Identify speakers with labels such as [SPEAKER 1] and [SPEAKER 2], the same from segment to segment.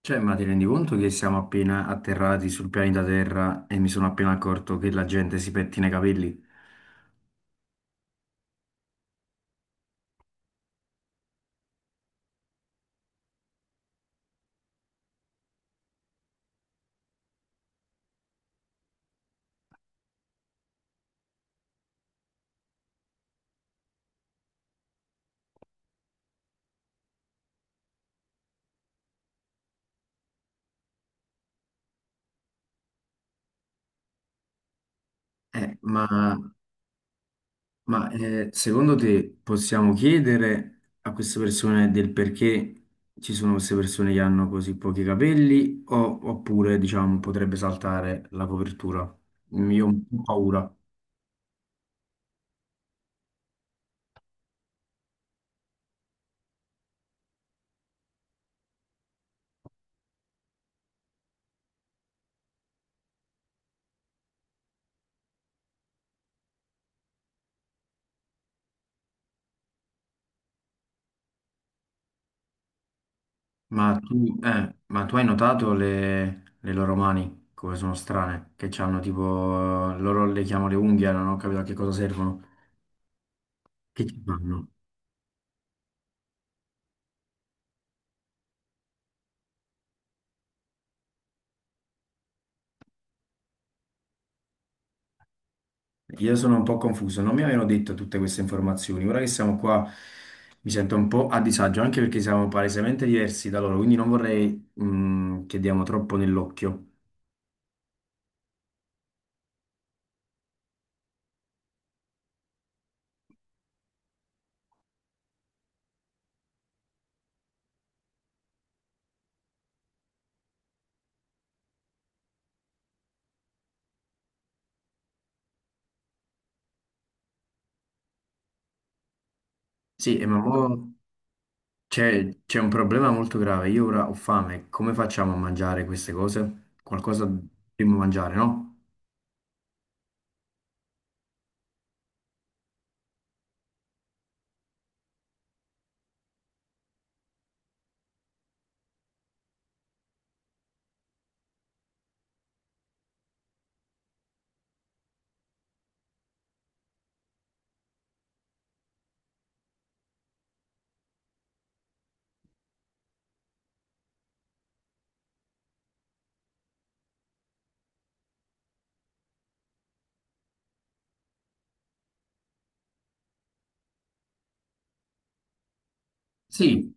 [SPEAKER 1] Cioè, ma ti rendi conto che siamo appena atterrati sul pianeta Terra e mi sono appena accorto che la gente si pettina i capelli? Eh, ma secondo te possiamo chiedere a queste persone del perché ci sono queste persone che hanno così pochi capelli o- oppure, diciamo, potrebbe saltare la copertura? Io ho un po' paura. Ma tu hai notato le loro mani come sono strane? Che hanno tipo, loro le chiamano le unghie, non ho capito a che cosa servono. Che ci fanno? Io sono un po' confuso, non mi avevano detto tutte queste informazioni. Ora che siamo qua mi sento un po' a disagio, anche perché siamo palesemente diversi da loro, quindi non vorrei che diamo troppo nell'occhio. Sì, ma mo c'è un problema molto grave. Io ora ho fame, come facciamo a mangiare queste cose? Qualcosa dobbiamo mangiare, no? Sì,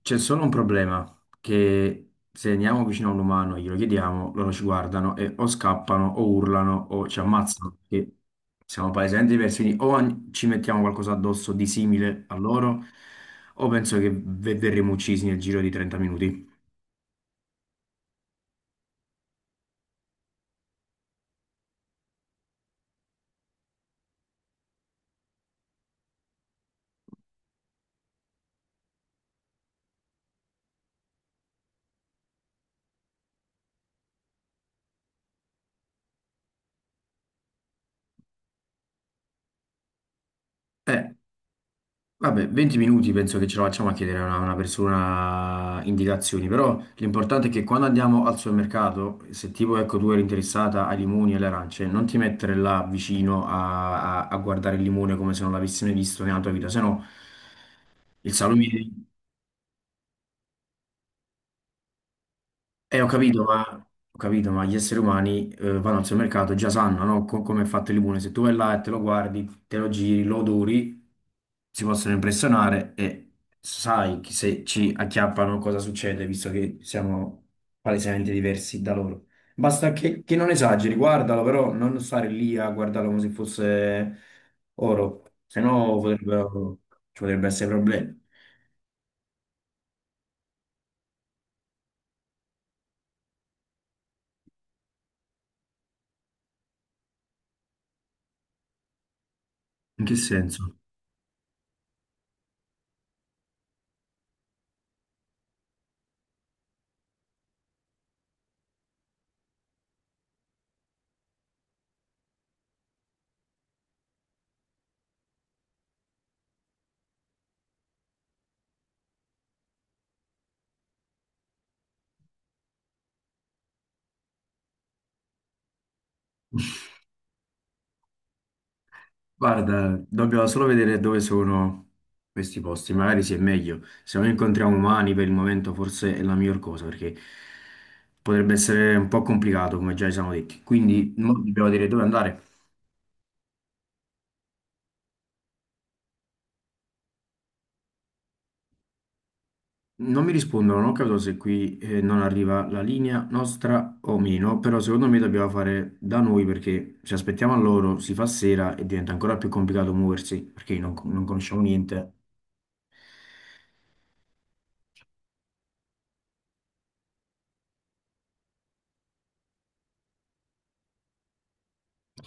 [SPEAKER 1] c'è solo un problema, che se andiamo vicino a un umano e glielo chiediamo, loro ci guardano e o scappano o urlano o ci ammazzano, perché siamo palesemente diversi, quindi o an- ci mettiamo qualcosa addosso di simile a loro, o penso che ve- verremo uccisi nel giro di 30 minuti. Eh, Vabbè, 20 minuti penso che ce la facciamo a chiedere a una persona indicazioni, però l'importante è che quando andiamo al supermercato, se tipo ecco tu eri interessata ai limoni e alle arance, non ti mettere là vicino a, a- a guardare il limone come se non l'avessi mai visto nella tua vita, sennò il salume. Ho capito, ma gli esseri umani vanno al supermercato e già sanno, no? Co- come è fatto il limone. Se tu vai là e te lo guardi, te lo giri, lo odori, si possono impressionare e sai che se ci acchiappano cosa succede, visto che siamo palesemente diversi da loro. Basta che non esageri, guardalo, però non stare lì a guardarlo come se fosse oro, se no potrebbero- ci potrebbe essere problemi. In che senso? Guarda, dobbiamo solo vedere dove sono questi posti, magari si è meglio. Se non incontriamo umani per il momento forse è la miglior cosa perché potrebbe essere un po' complicato come già ci siamo detti. Quindi mo dobbiamo dire dove andare. Non mi rispondono, non ho capito se qui non arriva la linea nostra o meno, però secondo me dobbiamo fare da noi perché se aspettiamo a loro si fa sera e diventa ancora più complicato muoversi perché non conosciamo niente.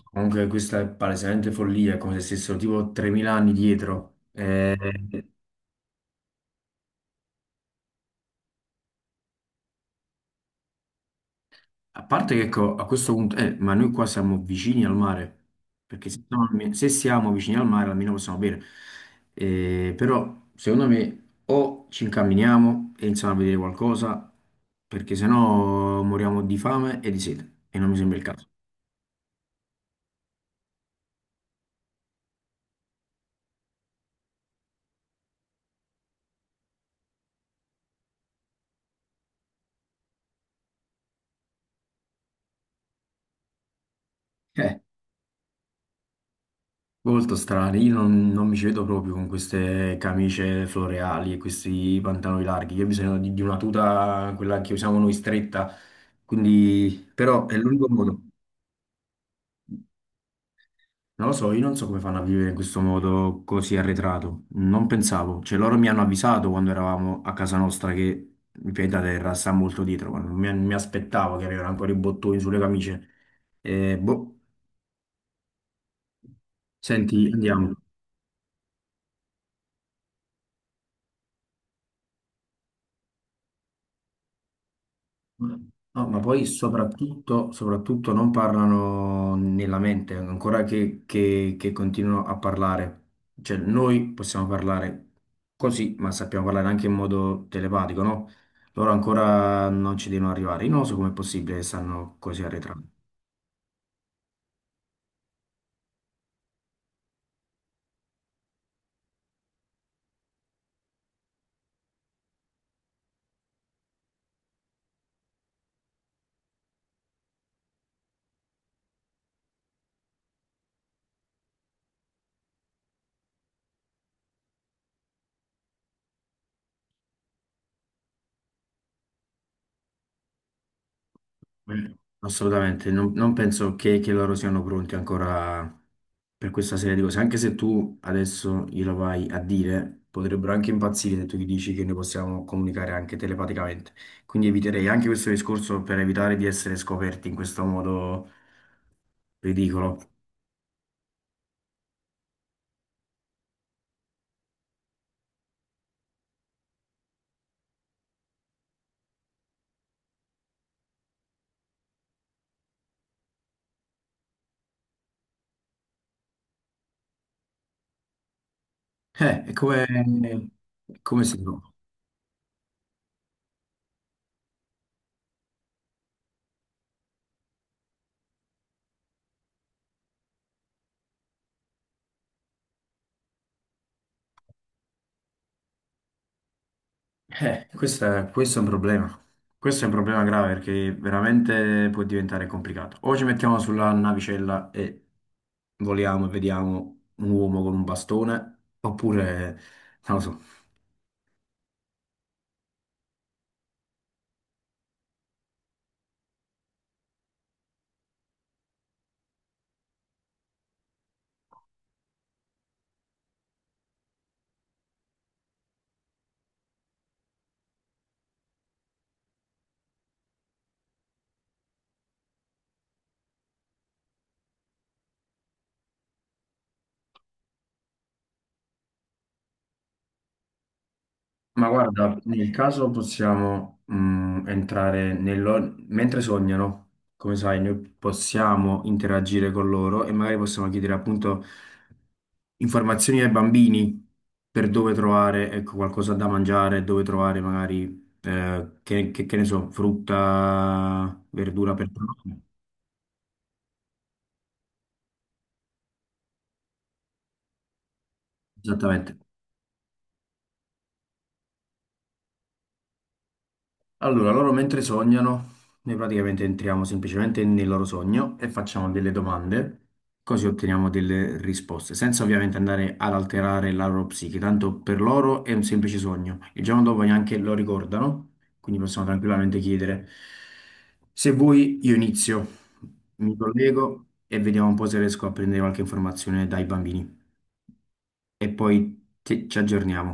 [SPEAKER 1] Comunque questa è palesemente follia, è come se stessero tipo 3.000 anni dietro. A parte che ecco, a questo punto, ma noi qua siamo vicini al mare, perché se siamo vicini al mare almeno possiamo bere. Però secondo me o ci incamminiamo e iniziamo a vedere qualcosa, perché sennò moriamo di fame e di sete, e non mi sembra il caso. Eh. Molto strani, io non mi ci vedo proprio con queste camicie floreali e questi pantaloni larghi, io ho bisogno di una tuta, quella che usiamo noi stretta, quindi però è l'unico modo. Non lo so, io non so come fanno a vivere in questo modo così arretrato, non pensavo, cioè loro mi hanno avvisato quando eravamo a casa nostra che il pianeta Terra sta molto dietro, ma non mi, mi aspettavo che arrivassero ancora i bottoni sulle camicie. Boh, senti, andiamo. No, ma poi soprattutto, soprattutto non parlano nella mente, ancora che continuano a parlare. Cioè, noi possiamo parlare così, ma sappiamo parlare anche in modo telepatico, no? Loro ancora non ci devono arrivare. Io non so com'è possibile che stanno così arretrati. Eh, Assolutamente, non penso che loro siano pronti ancora per questa serie di cose, anche se tu adesso glielo vai a dire, potrebbero anche impazzire se tu gli dici che noi possiamo comunicare anche telepaticamente. Quindi eviterei anche questo discorso per evitare di essere scoperti in questo modo ridicolo. Eh, è come, è come si trova? Questo è un problema. Questo è un problema grave perché veramente può diventare complicato. O ci mettiamo sulla navicella e voliamo e vediamo un uomo con un bastone, oppure, non lo so. Ma guarda, nel caso possiamo entrare nello... mentre sognano, come sai, noi possiamo interagire con loro e magari possiamo chiedere appunto informazioni ai bambini per dove trovare, ecco, qualcosa da mangiare, dove trovare magari, che ne so, frutta, verdura per... Esattamente. Allora, loro mentre sognano, noi praticamente entriamo semplicemente nel loro sogno e facciamo delle domande, così otteniamo delle risposte, senza ovviamente andare ad alterare la loro psiche, tanto per loro è un semplice sogno. Il giorno dopo neanche lo ricordano, quindi possiamo tranquillamente chiedere, se vuoi io inizio, mi collego e vediamo un po' se riesco a prendere qualche informazione dai bambini e poi ti- ci aggiorniamo.